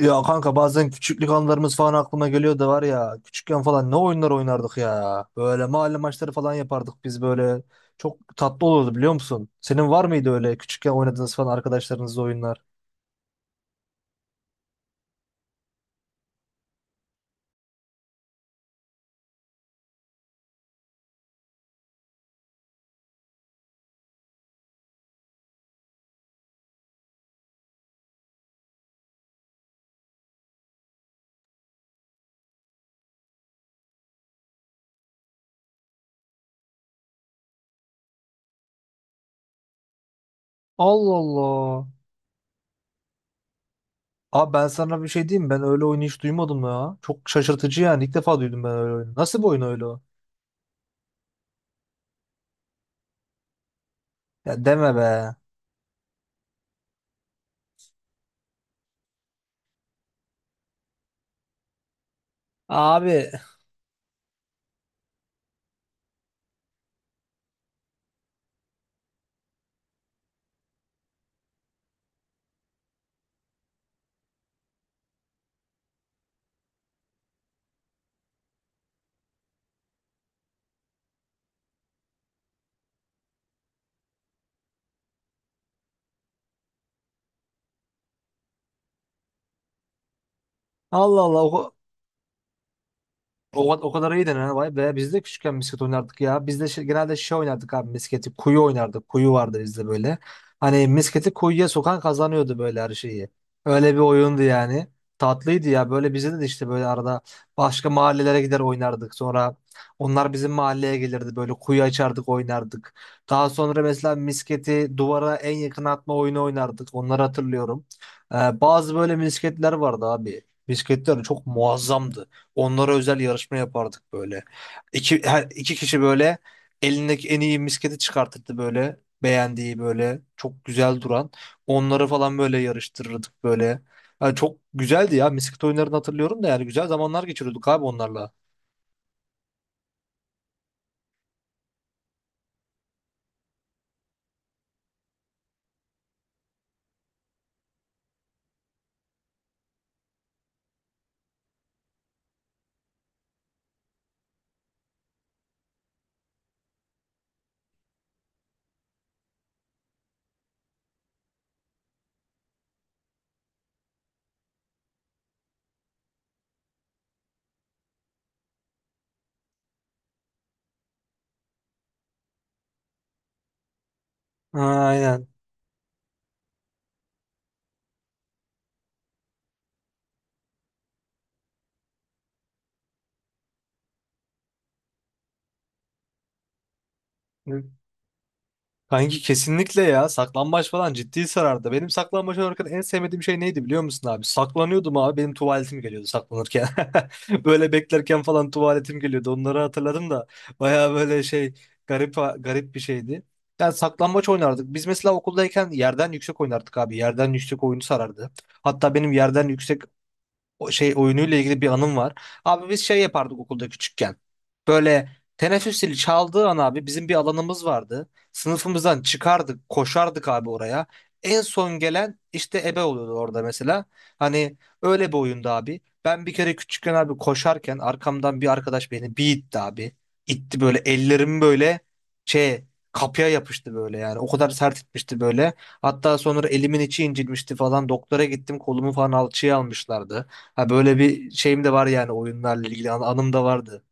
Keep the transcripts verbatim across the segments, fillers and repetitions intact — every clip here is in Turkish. Ya kanka bazen küçüklük anılarımız falan aklıma geliyor da var ya küçükken falan ne oyunlar oynardık ya. Böyle mahalle maçları falan yapardık biz böyle. Çok tatlı olurdu biliyor musun? Senin var mıydı öyle küçükken oynadığınız falan arkadaşlarınızla oyunlar? Allah Allah. Abi ben sana bir şey diyeyim mi? Ben öyle oyunu hiç duymadım ya. Çok şaşırtıcı yani ilk defa duydum ben öyle oyunu. Nasıl bir oyun öyle o? Ya deme be. Abi, Allah Allah. O, o kadar iyi denen, vay be. Biz de küçükken misket oynardık ya. Biz de şey- genelde şey oynardık abi misketi. Kuyu oynardık. Kuyu vardı bizde böyle. Hani misketi kuyuya sokan kazanıyordu böyle her şeyi. Öyle bir oyundu yani. Tatlıydı ya. Böyle bize de işte böyle arada başka mahallelere gider oynardık. Sonra onlar bizim mahalleye gelirdi. Böyle kuyu açardık oynardık. Daha sonra mesela misketi duvara en yakın atma oyunu oynardık. Onları hatırlıyorum. Ee, bazı böyle misketler vardı abi. Misketler çok muazzamdı. Onlara özel yarışma yapardık böyle. İki, her, iki kişi böyle elindeki en iyi misketi çıkartırdı böyle. Beğendiği böyle çok güzel duran. Onları falan böyle yarıştırırdık böyle. Yani çok güzeldi ya. Misket oyunlarını hatırlıyorum da yani güzel zamanlar geçiriyorduk abi onlarla. Ha, aynen. Kanki kesinlikle ya. Saklambaç falan ciddi sarardı. Benim saklambaç oynarken en sevmediğim şey neydi biliyor musun abi? Saklanıyordum abi. Benim tuvaletim geliyordu saklanırken. Böyle beklerken falan tuvaletim geliyordu. Onları hatırladım da baya böyle şey garip garip bir şeydi. Yani saklambaç oynardık. Biz mesela okuldayken yerden yüksek oynardık abi. Yerden yüksek oyunu sarardı. Hatta benim yerden yüksek o şey oyunuyla ilgili bir anım var. Abi biz şey yapardık okulda küçükken. Böyle teneffüs zili çaldığı an abi bizim bir alanımız vardı. Sınıfımızdan çıkardık, koşardık abi oraya. En son gelen işte ebe oluyordu orada mesela. Hani öyle bir oyunda abi. Ben bir kere küçükken abi koşarken arkamdan bir arkadaş beni bir itti abi. İtti böyle ellerim böyle şey kapıya yapıştı böyle yani. O kadar sert itmişti böyle. Hatta sonra elimin içi incinmişti falan. Doktora gittim kolumu falan alçıya almışlardı. Ha, böyle bir şeyim de var yani oyunlarla ilgili an- anım da vardı.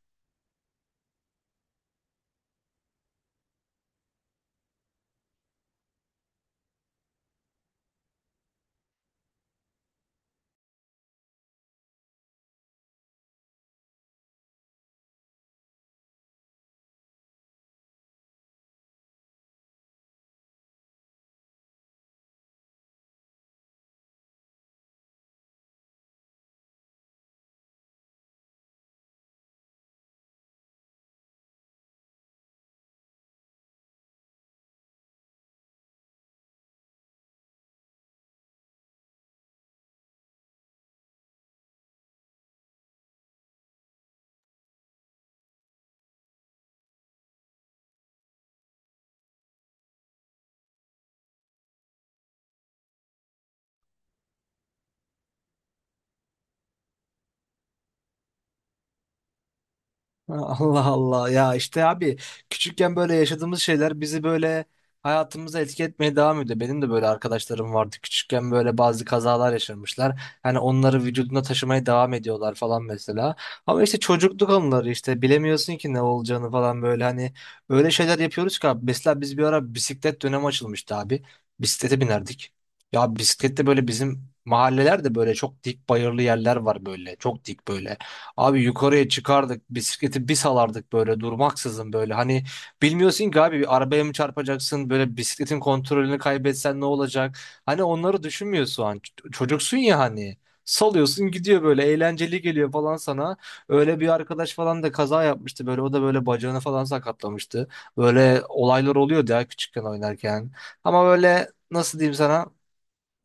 Allah Allah ya işte abi küçükken böyle yaşadığımız şeyler bizi böyle hayatımıza etki etmeye devam ediyor. Benim de böyle arkadaşlarım vardı küçükken böyle bazı kazalar yaşamışlar. Hani onları vücudunda taşımaya devam ediyorlar falan mesela. Ama işte çocukluk anıları işte bilemiyorsun ki ne olacağını falan böyle hani öyle şeyler yapıyoruz ki abi. Mesela biz bir ara bisiklet dönemi açılmıştı abi. Bisiklete binerdik. Ya bisiklette böyle bizim mahallelerde böyle çok dik bayırlı yerler var böyle çok dik böyle. Abi yukarıya çıkardık bisikleti bir salardık böyle durmaksızın böyle. Hani bilmiyorsun ki abi bir arabaya mı çarpacaksın böyle bisikletin kontrolünü kaybetsen ne olacak? Hani onları düşünmüyorsun an. Ç- Çocuksun ya hani. Salıyorsun gidiyor böyle eğlenceli geliyor falan sana. Öyle bir arkadaş falan da kaza yapmıştı böyle o da böyle bacağını falan sakatlamıştı. Böyle olaylar oluyordu ya küçükken oynarken. Ama böyle nasıl diyeyim sana?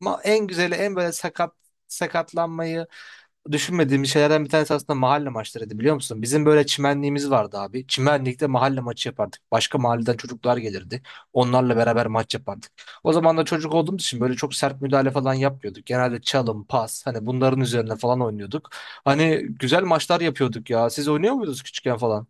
ma- En güzeli en böyle sakat sakatlanmayı düşünmediğimiz şeylerden bir tanesi aslında mahalle maçlarıydı biliyor musun? Bizim böyle çimenliğimiz vardı abi. Çimenlikte mahalle maçı yapardık. Başka mahalleden çocuklar gelirdi. Onlarla beraber maç yapardık. O zaman da çocuk olduğumuz için böyle çok sert müdahale falan yapmıyorduk. Genelde çalım, pas hani bunların üzerine falan oynuyorduk. Hani güzel maçlar yapıyorduk ya. Siz oynuyor muydunuz küçükken falan?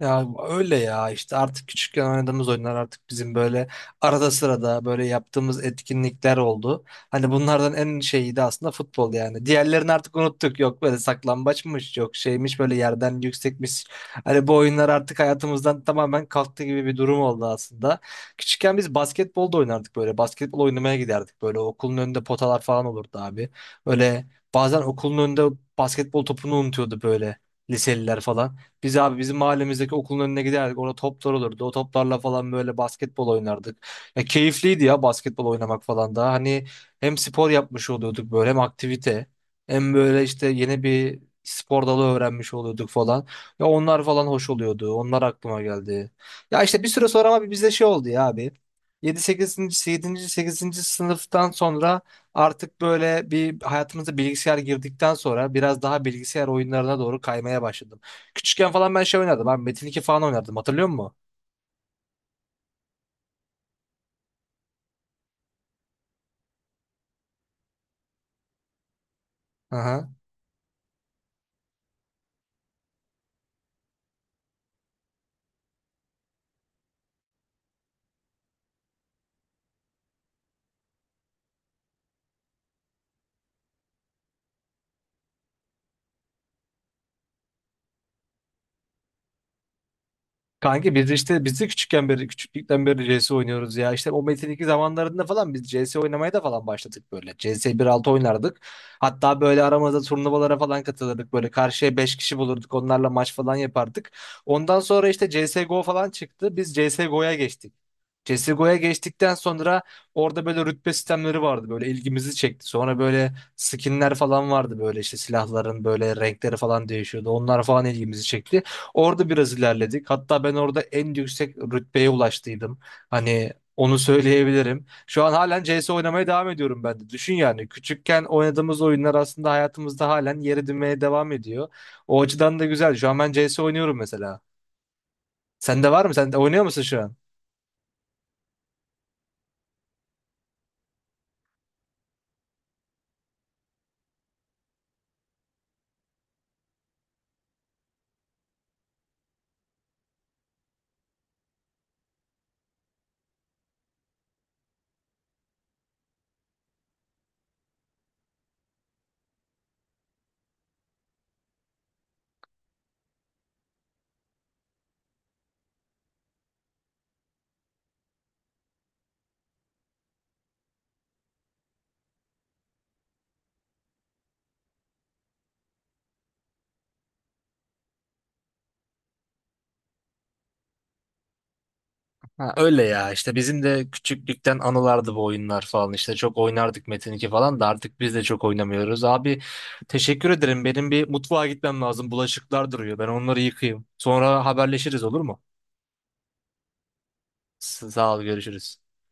Ya öyle ya işte artık küçükken oynadığımız oyunlar artık bizim böyle arada sırada böyle yaptığımız etkinlikler oldu. Hani bunlardan en şeyi de aslında futbol yani. Diğerlerini artık unuttuk. Yok böyle saklambaçmış, yok şeymiş böyle yerden yüksekmiş. Hani bu oyunlar artık hayatımızdan tamamen kalktı gibi bir durum oldu aslında. Küçükken biz basketbol da oynardık böyle. Basketbol oynamaya giderdik böyle. Okulun önünde potalar falan olurdu abi. Böyle bazen okulun önünde basketbol topunu unutuyordu böyle liseliler falan. Biz abi bizim mahallemizdeki okulun önüne giderdik. Orada toplar olurdu. O toplarla falan böyle basketbol oynardık. Ya keyifliydi ya basketbol oynamak falan da. Hani hem spor yapmış oluyorduk böyle hem aktivite. Hem böyle işte yeni bir spor dalı öğrenmiş oluyorduk falan. Ya onlar falan hoş oluyordu. Onlar aklıma geldi. Ya işte bir süre sonra ama bizde şey oldu ya abi. Yedi sekizinci, yedinci sekizinci sınıftan sonra artık böyle bir hayatımıza bilgisayar girdikten sonra biraz daha bilgisayar oyunlarına doğru kaymaya başladık. Küçükken falan ben şey oynardım. Ben Metin iki falan oynardım. Hatırlıyor musun? Aha. Kanka biz de işte biz de küçükken beri küçüklükten beri C S oynuyoruz ya. İşte o Metin iki zamanlarında falan biz C S oynamaya da falan başladık böyle. C S bir altı oynardık. Hatta böyle aramızda turnuvalara falan katılırdık. Böyle karşıya beş kişi bulurduk. Onlarla maç falan yapardık. Ondan sonra işte C S G O falan çıktı. Biz C S G O'ya geçtik. C S G O'ya geçtikten sonra orada böyle rütbe sistemleri vardı böyle ilgimizi çekti. Sonra böyle skinler falan vardı böyle işte silahların böyle renkleri falan değişiyordu. Onlar falan ilgimizi çekti. Orada biraz ilerledik. Hatta ben orada en yüksek rütbeye ulaştıydım. Hani onu söyleyebilirim. Şu an halen C S oynamaya devam ediyorum ben de. Düşün yani küçükken oynadığımız oyunlar aslında hayatımızda halen yer edinmeye devam ediyor. O açıdan da güzel. Şu an ben C S oynuyorum mesela. Sende var mı? Sen de oynuyor musun şu an? Ha, öyle ya işte bizim de küçüklükten anılardı bu oyunlar falan işte çok oynardık Metin iki falan da artık biz de çok oynamıyoruz. Abi teşekkür ederim benim bir mutfağa gitmem lazım bulaşıklar duruyor ben onları yıkayayım sonra haberleşiriz olur mu? S- Sağ ol görüşürüz.